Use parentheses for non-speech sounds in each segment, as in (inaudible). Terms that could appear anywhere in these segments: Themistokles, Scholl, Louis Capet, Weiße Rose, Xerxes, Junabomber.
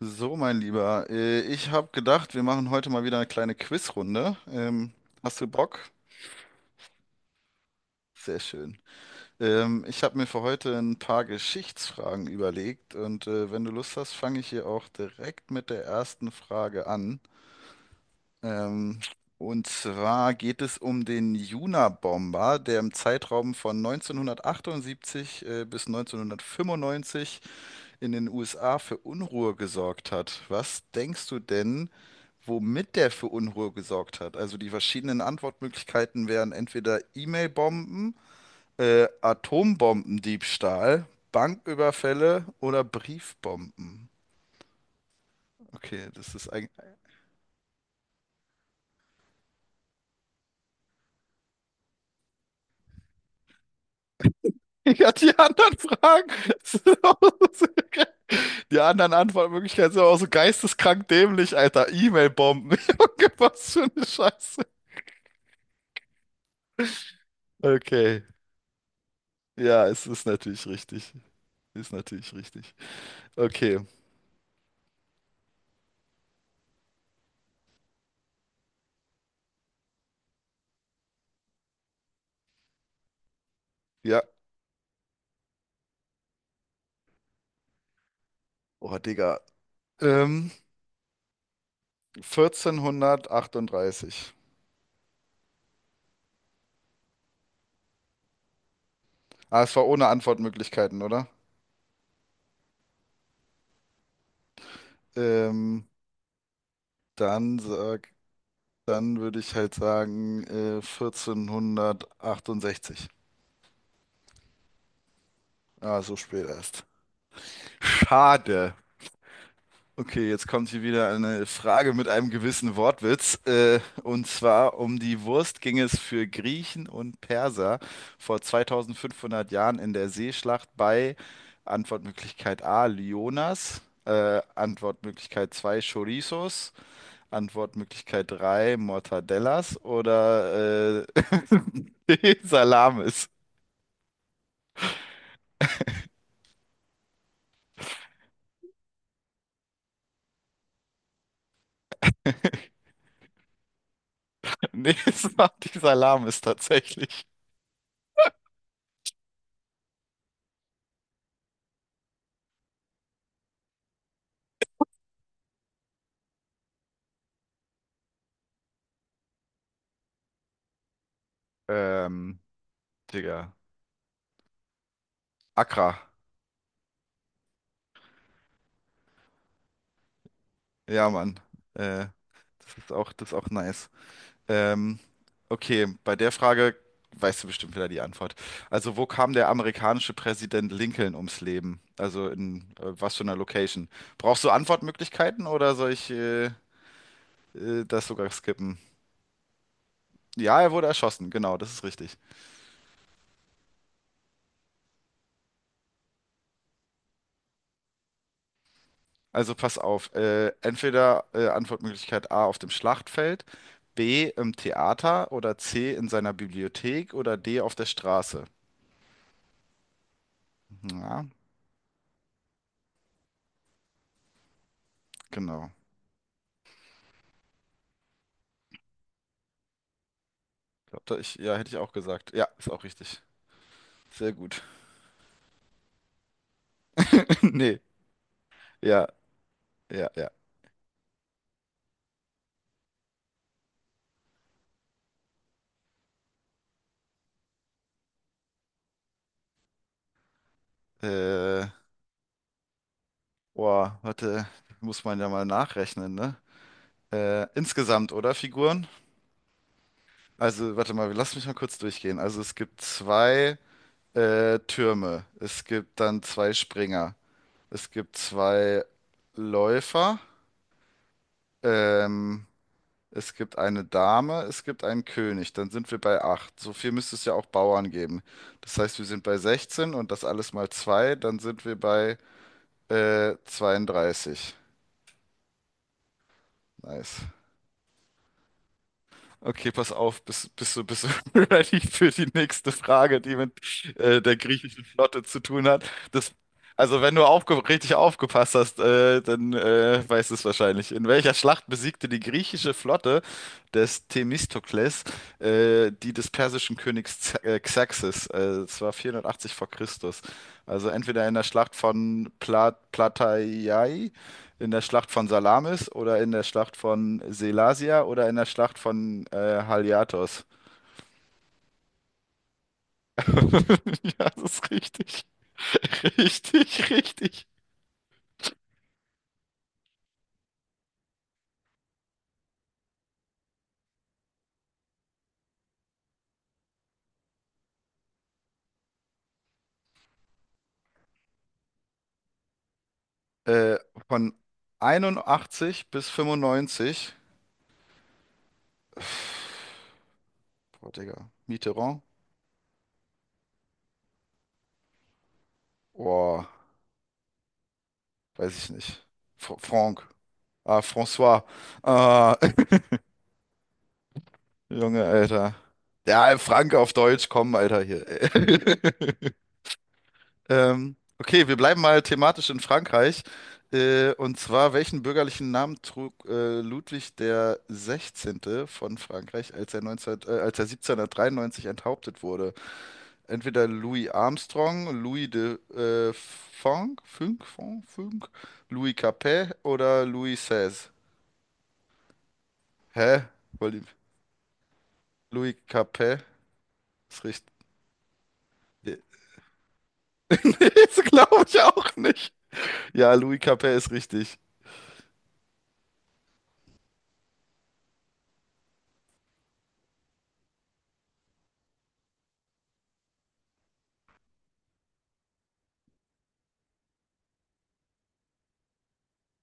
So, mein Lieber, ich habe gedacht, wir machen heute mal wieder eine kleine Quizrunde. Hast du Bock? Sehr schön. Ich habe mir für heute ein paar Geschichtsfragen überlegt und wenn du Lust hast, fange ich hier auch direkt mit der ersten Frage an. Ähm, und zwar geht es um den Junabomber, der im Zeitraum von 1978 bis 1995 in den USA für Unruhe gesorgt hat. Was denkst du denn, womit der für Unruhe gesorgt hat? Also die verschiedenen Antwortmöglichkeiten wären entweder E-Mail-Bomben, Atombombendiebstahl, Banküberfälle oder Briefbomben. Okay, das ist eigentlich. (laughs) Ja, die anderen Fragen (laughs) sind auch so (laughs) geil. Die anderen Antwortmöglichkeiten sind auch so geisteskrank dämlich, Alter. E-Mail-Bomben. (laughs) Junge, was für eine Scheiße. Okay. Ja, es ist natürlich richtig. Ist natürlich richtig. Okay. Ja. Oh, Digga. Ähm, 1438. Ah, es war ohne Antwortmöglichkeiten, oder? Ähm, dann sag, Dann würde ich halt sagen, 1468. Ah, so spät erst. Schade. Okay, jetzt kommt hier wieder eine Frage mit einem gewissen Wortwitz. Und zwar um die Wurst ging es für Griechen und Perser vor 2500 Jahren in der Seeschlacht bei Antwortmöglichkeit A, Lyonas, Antwortmöglichkeit 2, Chorizos, Antwortmöglichkeit 3, Mortadellas oder (laughs) D, Salamis. Nee, (laughs) es war die Salamis tatsächlich. Ähm, Digga, Accra. Ja, Mann. Äh, Das ist auch, das ist auch nice. Ähm, okay, bei der Frage weißt du bestimmt wieder die Antwort. Also, wo kam der amerikanische Präsident Lincoln ums Leben? Also in was für einer Location? Brauchst du Antwortmöglichkeiten oder soll ich das sogar skippen? Ja, er wurde erschossen, genau, das ist richtig. Also pass auf, entweder Antwortmöglichkeit A auf dem Schlachtfeld, B im Theater oder C in seiner Bibliothek oder D auf der Straße. Ja, genau. Glaub, da ich, ja, hätte ich auch gesagt. Ja, ist auch richtig. Sehr gut. (laughs) Nee, ja, ja, ja. Äh, Boah, warte, muss man ja mal nachrechnen, ne? Insgesamt, oder, Figuren? Also, warte mal, lass mich mal kurz durchgehen. Also, es gibt zwei Türme. Es gibt dann zwei Springer. Es gibt zwei Läufer. Ähm, Es gibt eine Dame, es gibt einen König. Dann sind wir bei 8. So viel müsste es ja auch Bauern geben. Das heißt, wir sind bei 16 und das alles mal 2, dann sind wir bei 32. Nice. Okay, pass auf, bist du (laughs) ready für die nächste Frage, die mit der griechischen Flotte zu tun hat? Das, also wenn du aufge richtig aufgepasst hast, dann weißt du es wahrscheinlich. In welcher Schlacht besiegte die griechische Flotte des Themistokles die des persischen Königs Z Xerxes? Das war 480 vor Christus. Also entweder in der Schlacht von Plataiai, in der Schlacht von Salamis oder in der Schlacht von Selasia oder in der Schlacht von Haliartos? (laughs) Ja, das ist richtig. (laughs) Richtig, richtig. Äh, von 81 bis 95. Boah, Digga. Mitterrand? Boah, weiß ich nicht. Fr Franck. Ah, François. Ah, (laughs) Junge, Alter. Ja, Frank auf Deutsch, komm, Alter, hier. (laughs) Okay, wir bleiben mal thematisch in Frankreich. Und zwar, welchen bürgerlichen Namen trug Ludwig der Sechzehnte von Frankreich, als er 1793 enthauptet wurde? Entweder Louis Armstrong, Louis de Funk, Funk, Funk, Funk, Louis Capet oder Louis XVI? Hä? Wollt ihr- Louis Capet ist richtig. Nee, (laughs) nee, das glaube ich auch nicht. Ja, Louis Capet ist richtig.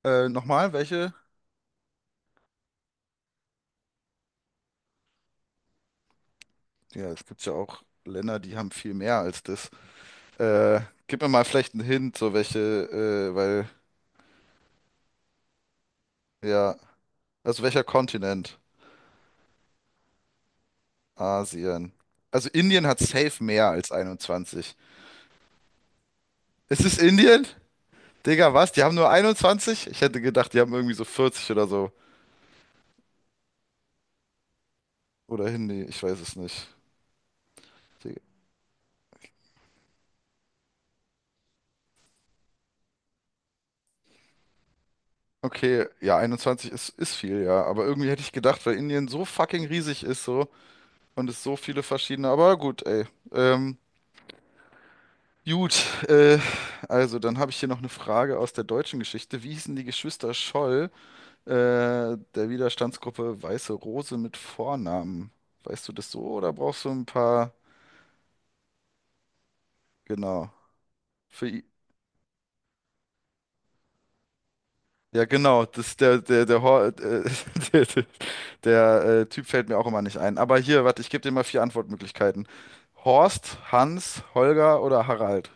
Nochmal, welche? Ja, es gibt ja auch Länder, die haben viel mehr als das. Äh, Gib mir mal vielleicht einen Hint, so welche, weil, ja, also welcher Kontinent? Asien. Also Indien hat safe mehr als 21. Ist es Indien? Digga, was? Die haben nur 21? Ich hätte gedacht, die haben irgendwie so 40 oder so. Oder Hindi, ich weiß es nicht. Digga. Okay, ja, 21 ist viel, ja. Aber irgendwie hätte ich gedacht, weil Indien so fucking riesig ist so und es so viele verschiedene. Aber gut, ey. Ähm, Gut, also dann habe ich hier noch eine Frage aus der deutschen Geschichte. Wie hießen die Geschwister Scholl, äh, der Widerstandsgruppe Weiße Rose mit Vornamen? Weißt du das so oder brauchst du ein paar? Genau. Für, i- ja, genau. Das, der, der, der, Hor- (laughs) der, der, der Typ fällt mir auch immer nicht ein. Aber hier, warte, ich gebe dir mal vier Antwortmöglichkeiten. Horst, Hans, Holger oder Harald?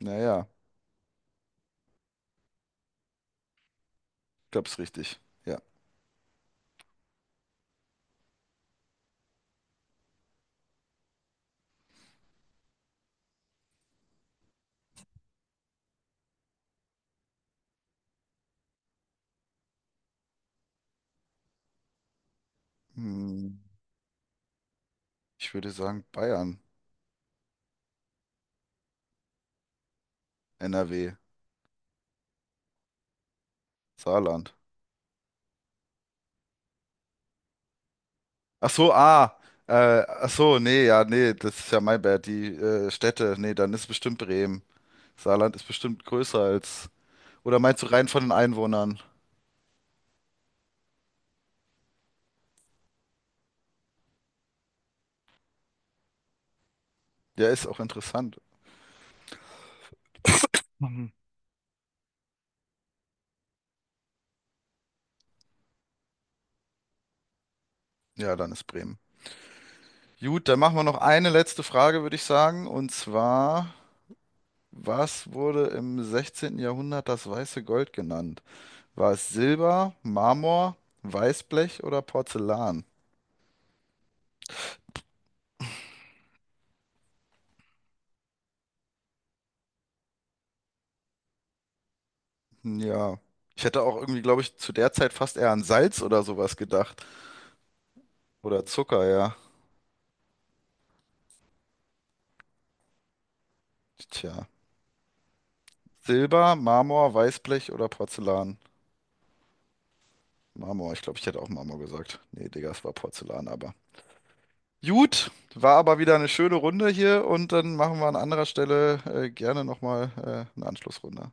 Naja, glaub's richtig. Ja. Hm, ich würde sagen Bayern, NRW, Saarland. Ach so, ach so, nee, ja, nee, das ist ja mein Bad, die Städte, nee, dann ist bestimmt Bremen. Saarland ist bestimmt größer als, oder meinst du rein von den Einwohnern? Ja, ist auch interessant. Ja, dann ist Bremen. Gut, dann machen wir noch eine letzte Frage, würde ich sagen, und zwar, was wurde im 16. Jahrhundert das weiße Gold genannt? War es Silber, Marmor, Weißblech oder Porzellan? Hm, ja, ich hätte auch irgendwie, glaube ich, zu der Zeit fast eher an Salz oder sowas gedacht. Oder Zucker, ja. Tja. Silber, Marmor, Weißblech oder Porzellan? Marmor, ich glaube, ich hätte auch Marmor gesagt. Nee, Digga, es war Porzellan, aber. Gut, war aber wieder eine schöne Runde hier und dann machen wir an anderer Stelle gerne nochmal eine Anschlussrunde.